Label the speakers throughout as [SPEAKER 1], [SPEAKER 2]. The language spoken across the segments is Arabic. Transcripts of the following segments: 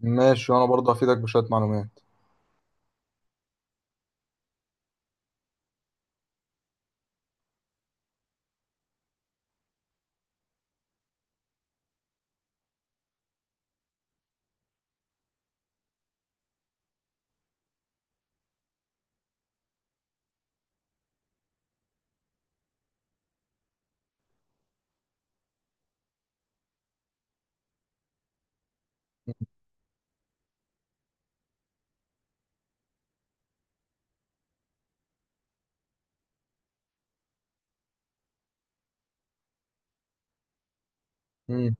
[SPEAKER 1] ماشي، وانا برضه هفيدك بشويه معلومات. امم.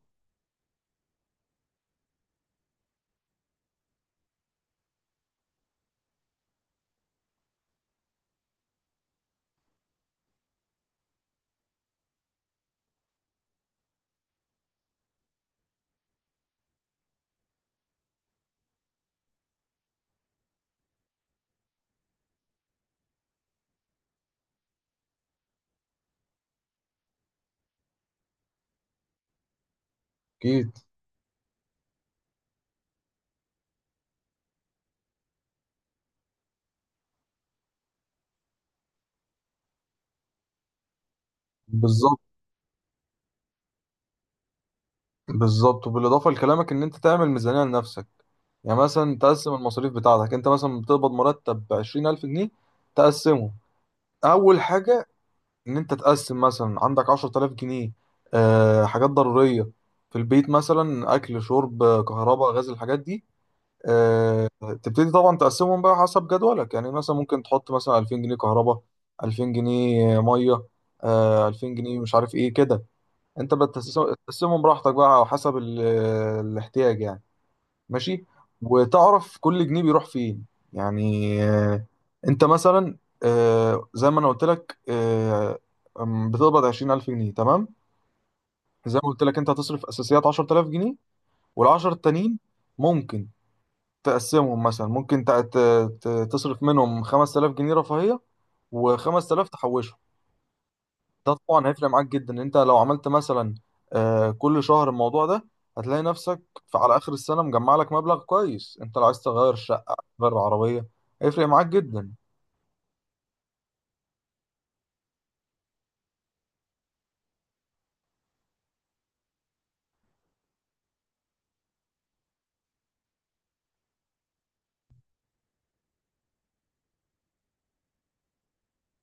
[SPEAKER 1] اكيد. بالظبط. بالظبط، وبالاضافه لكلامك ان انت تعمل ميزانيه لنفسك. يعني مثلا تقسم المصاريف بتاعتك، انت مثلا بتقبض مرتب ب 20000 جنيه، تقسمه. اول حاجه ان انت تقسم مثلا عندك 10000 جنيه حاجات ضروريه في البيت، مثلا اكل شرب كهرباء غاز الحاجات دي. آه، تبتدي طبعا تقسمهم بقى حسب جدولك. يعني مثلا ممكن تحط مثلا 2000 جنيه كهرباء، 2000 جنيه ميه، 2000 جنيه مش عارف ايه كده. انت بتقسمهم براحتك بقى على حسب الاحتياج يعني. ماشي. وتعرف كل جنيه بيروح فين. يعني انت مثلا زي ما انا قلت لك، آه، أم، بتقبض 20000 جنيه تمام. زي ما قلت لك انت هتصرف اساسيات 10000 جنيه، وال10 التانيين ممكن تقسمهم. مثلا ممكن تصرف منهم 5000 جنيه رفاهية، و5000 تحوشهم. ده طبعا هيفرق معاك جدا، انت لو عملت مثلا كل شهر الموضوع ده هتلاقي نفسك على اخر السنة مجمع لك مبلغ كويس. انت لو عايز تغير شقة تغير عربية هيفرق معاك جدا.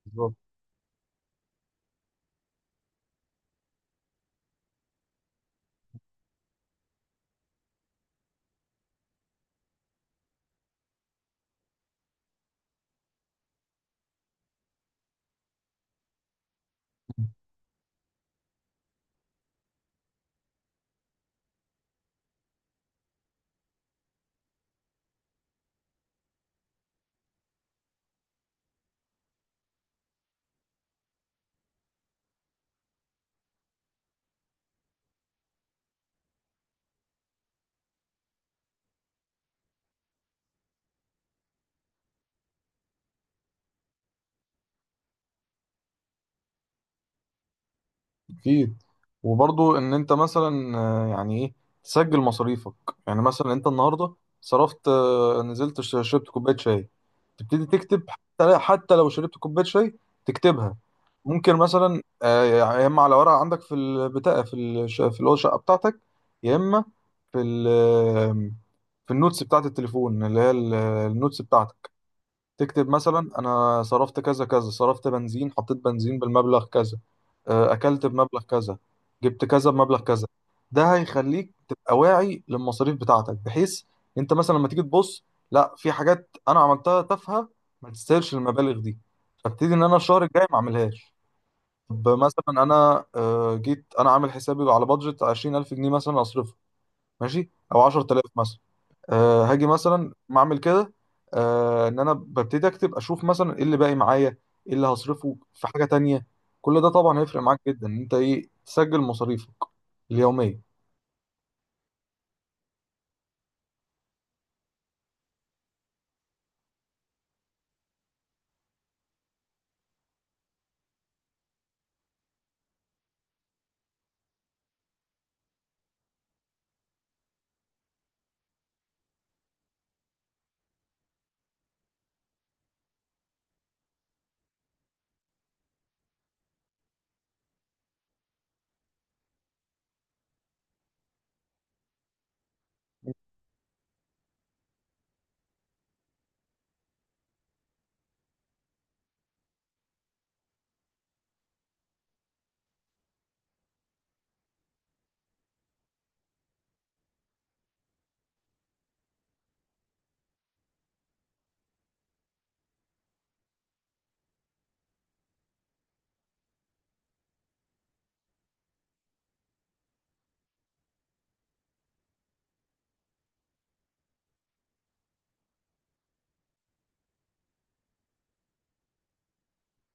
[SPEAKER 1] بالظبط. اكيد. وبرضو ان انت مثلا يعني ايه تسجل مصاريفك. يعني مثلا انت النهارده صرفت، نزلت شربت كوبايه شاي، تبتدي تكتب. حتى لو شربت كوبايه شاي تكتبها. ممكن مثلا يا اما على ورقه عندك في البتاع، في في اللي هو الشقه بتاعتك. يا اما في في النوتس بتاعت التليفون اللي هي النوتس بتاعتك، تكتب مثلا انا صرفت كذا كذا. صرفت بنزين، حطيت بنزين بالمبلغ كذا، اكلت بمبلغ كذا، جبت كذا بمبلغ كذا. ده هيخليك تبقى واعي للمصاريف بتاعتك، بحيث انت مثلا لما تيجي تبص، لا في حاجات انا عملتها تافهه ما تستاهلش المبالغ دي، فابتدي ان انا الشهر الجاي ما اعملهاش. طب مثلا انا، جيت انا عامل حسابي على بادجت 20000 جنيه مثلا اصرفه، ماشي، او 10000 مثلا. أه هاجي مثلا ما اعمل كده. أه ان انا ببتدي اكتب اشوف مثلا ايه اللي باقي معايا، ايه اللي هصرفه في حاجه تانية. كل ده طبعا هيفرق معاك جدا ان انت ايه تسجل مصاريفك اليوميه.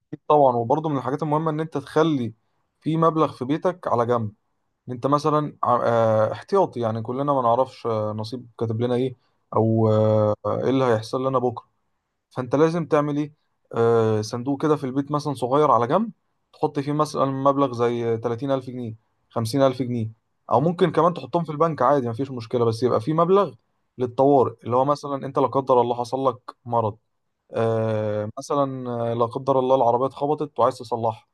[SPEAKER 1] أكيد طبعا. وبرضه من الحاجات المهمه ان انت تخلي في مبلغ في بيتك على جنب، ان انت مثلا أه احتياطي. يعني كلنا ما نعرفش، نصيب كاتب لنا ايه، او ايه اللي هيحصل لنا بكره. فانت لازم تعمل ايه، آه صندوق كده في البيت مثلا صغير على جنب تحط فيه مثلا مبلغ زي 30000 جنيه، 50000 جنيه. او ممكن كمان تحطهم في البنك عادي مفيش مشكلة، بس يبقى فيه مبلغ للطوارئ. اللي هو مثلا انت لا قدر الله حصل لك مرض، آه مثلا لا قدر الله العربية اتخبطت وعايز تصلحها،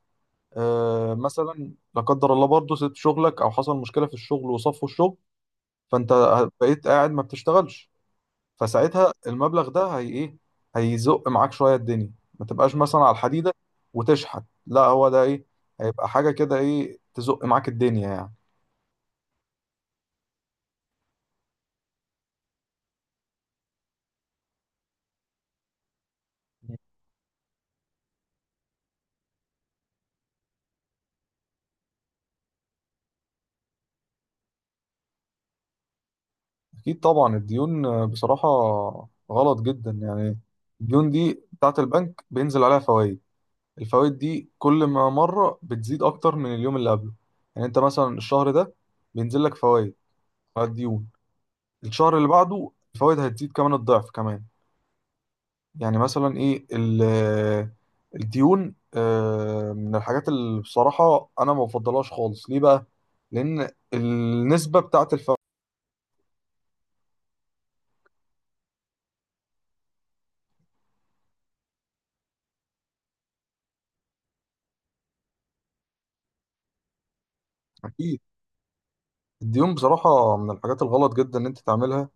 [SPEAKER 1] آه مثلا لا قدر الله برضه سبت شغلك او حصل مشكلة في الشغل وصفوا الشغل، فانت بقيت قاعد ما بتشتغلش. فساعتها المبلغ ده هي ايه، هيزق معاك شويه الدنيا. ما تبقاش مثلا على الحديده وتشحت، لا هو ده ايه، هيبقى حاجه كده ايه تزق معاك الدنيا يعني. اكيد طبعا. الديون بصراحه غلط جدا يعني. الديون دي بتاعت البنك بينزل عليها فوائد. الفوائد دي كل ما مره بتزيد اكتر من اليوم اللي قبله. يعني انت مثلا الشهر ده بينزل لك فوائد على الديون، الشهر اللي بعده الفوائد هتزيد كمان الضعف كمان. يعني مثلا ايه الديون من الحاجات اللي بصراحة انا ما بفضلهاش خالص. ليه بقى؟ لان النسبة بتاعت الفوائد. اكيد. الديون بصراحة من الحاجات الغلط جدا ان انت تعملها.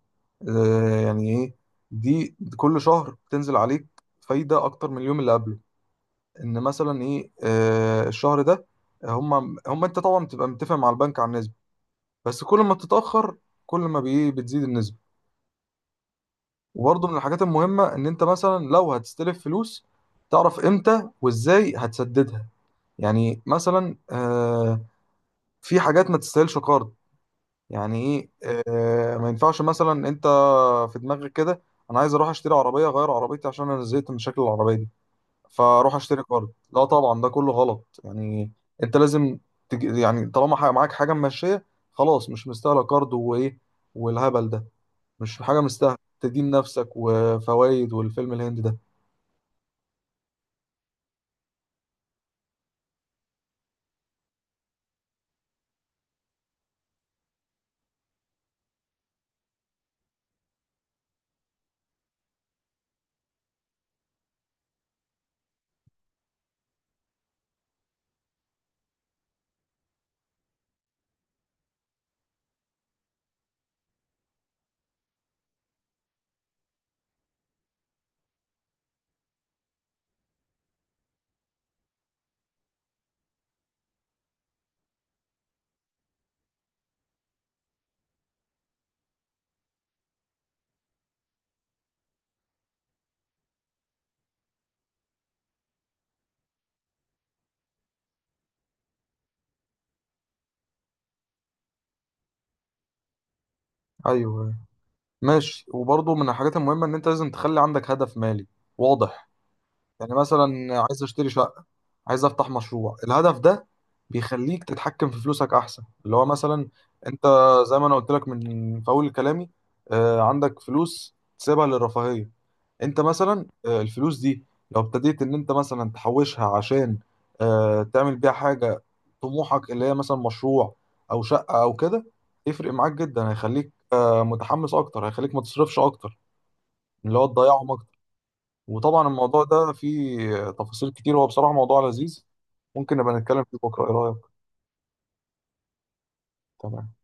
[SPEAKER 1] يعني ايه، دي كل شهر بتنزل عليك فايدة اكتر من اليوم اللي قبله. ان مثلا ايه الشهر ده هم هم انت طبعا بتبقى متفق مع البنك على النسبة، بس كل ما بتتأخر كل ما بتزيد النسبة. وبرضه من الحاجات المهمة إن أنت مثلا لو هتستلف فلوس تعرف إمتى وإزاي هتسددها. يعني مثلا في حاجات ما تستاهلش قرض. يعني إيه؟ ما ينفعش مثلا أنت في دماغك كده أنا عايز أروح أشتري عربية أغير عربيتي عشان أنا زهقت من شكل العربية دي، فأروح أشتري قرض. لا طبعا ده كله غلط يعني. أنت لازم يعني طالما معاك حاجة ماشية خلاص، مش مستاهلة قرض وإيه والهبل ده. مش حاجة مستاهلة تدين نفسك وفوائد والفيلم الهندي ده. ايوه. ماشي. وبرضه من الحاجات المهمه ان انت لازم تخلي عندك هدف مالي واضح. يعني مثلا عايز اشتري شقه، عايز افتح مشروع. الهدف ده بيخليك تتحكم في فلوسك احسن. اللي هو مثلا انت زي ما انا قلت لك من في اول كلامي، عندك فلوس تسيبها للرفاهيه. انت مثلا الفلوس دي لو ابتديت ان انت مثلا تحوشها عشان تعمل بيها حاجة طموحك، اللي هي مثلا مشروع او شقة او كده، يفرق معاك جدا. هيخليك متحمس اكتر، هيخليك ما تصرفش اكتر اللي هو تضيعهم اكتر. وطبعا الموضوع ده فيه تفاصيل كتير، هو بصراحة موضوع لذيذ. ممكن نبقى نتكلم فيه بكرة، ايه رأيك؟ تمام.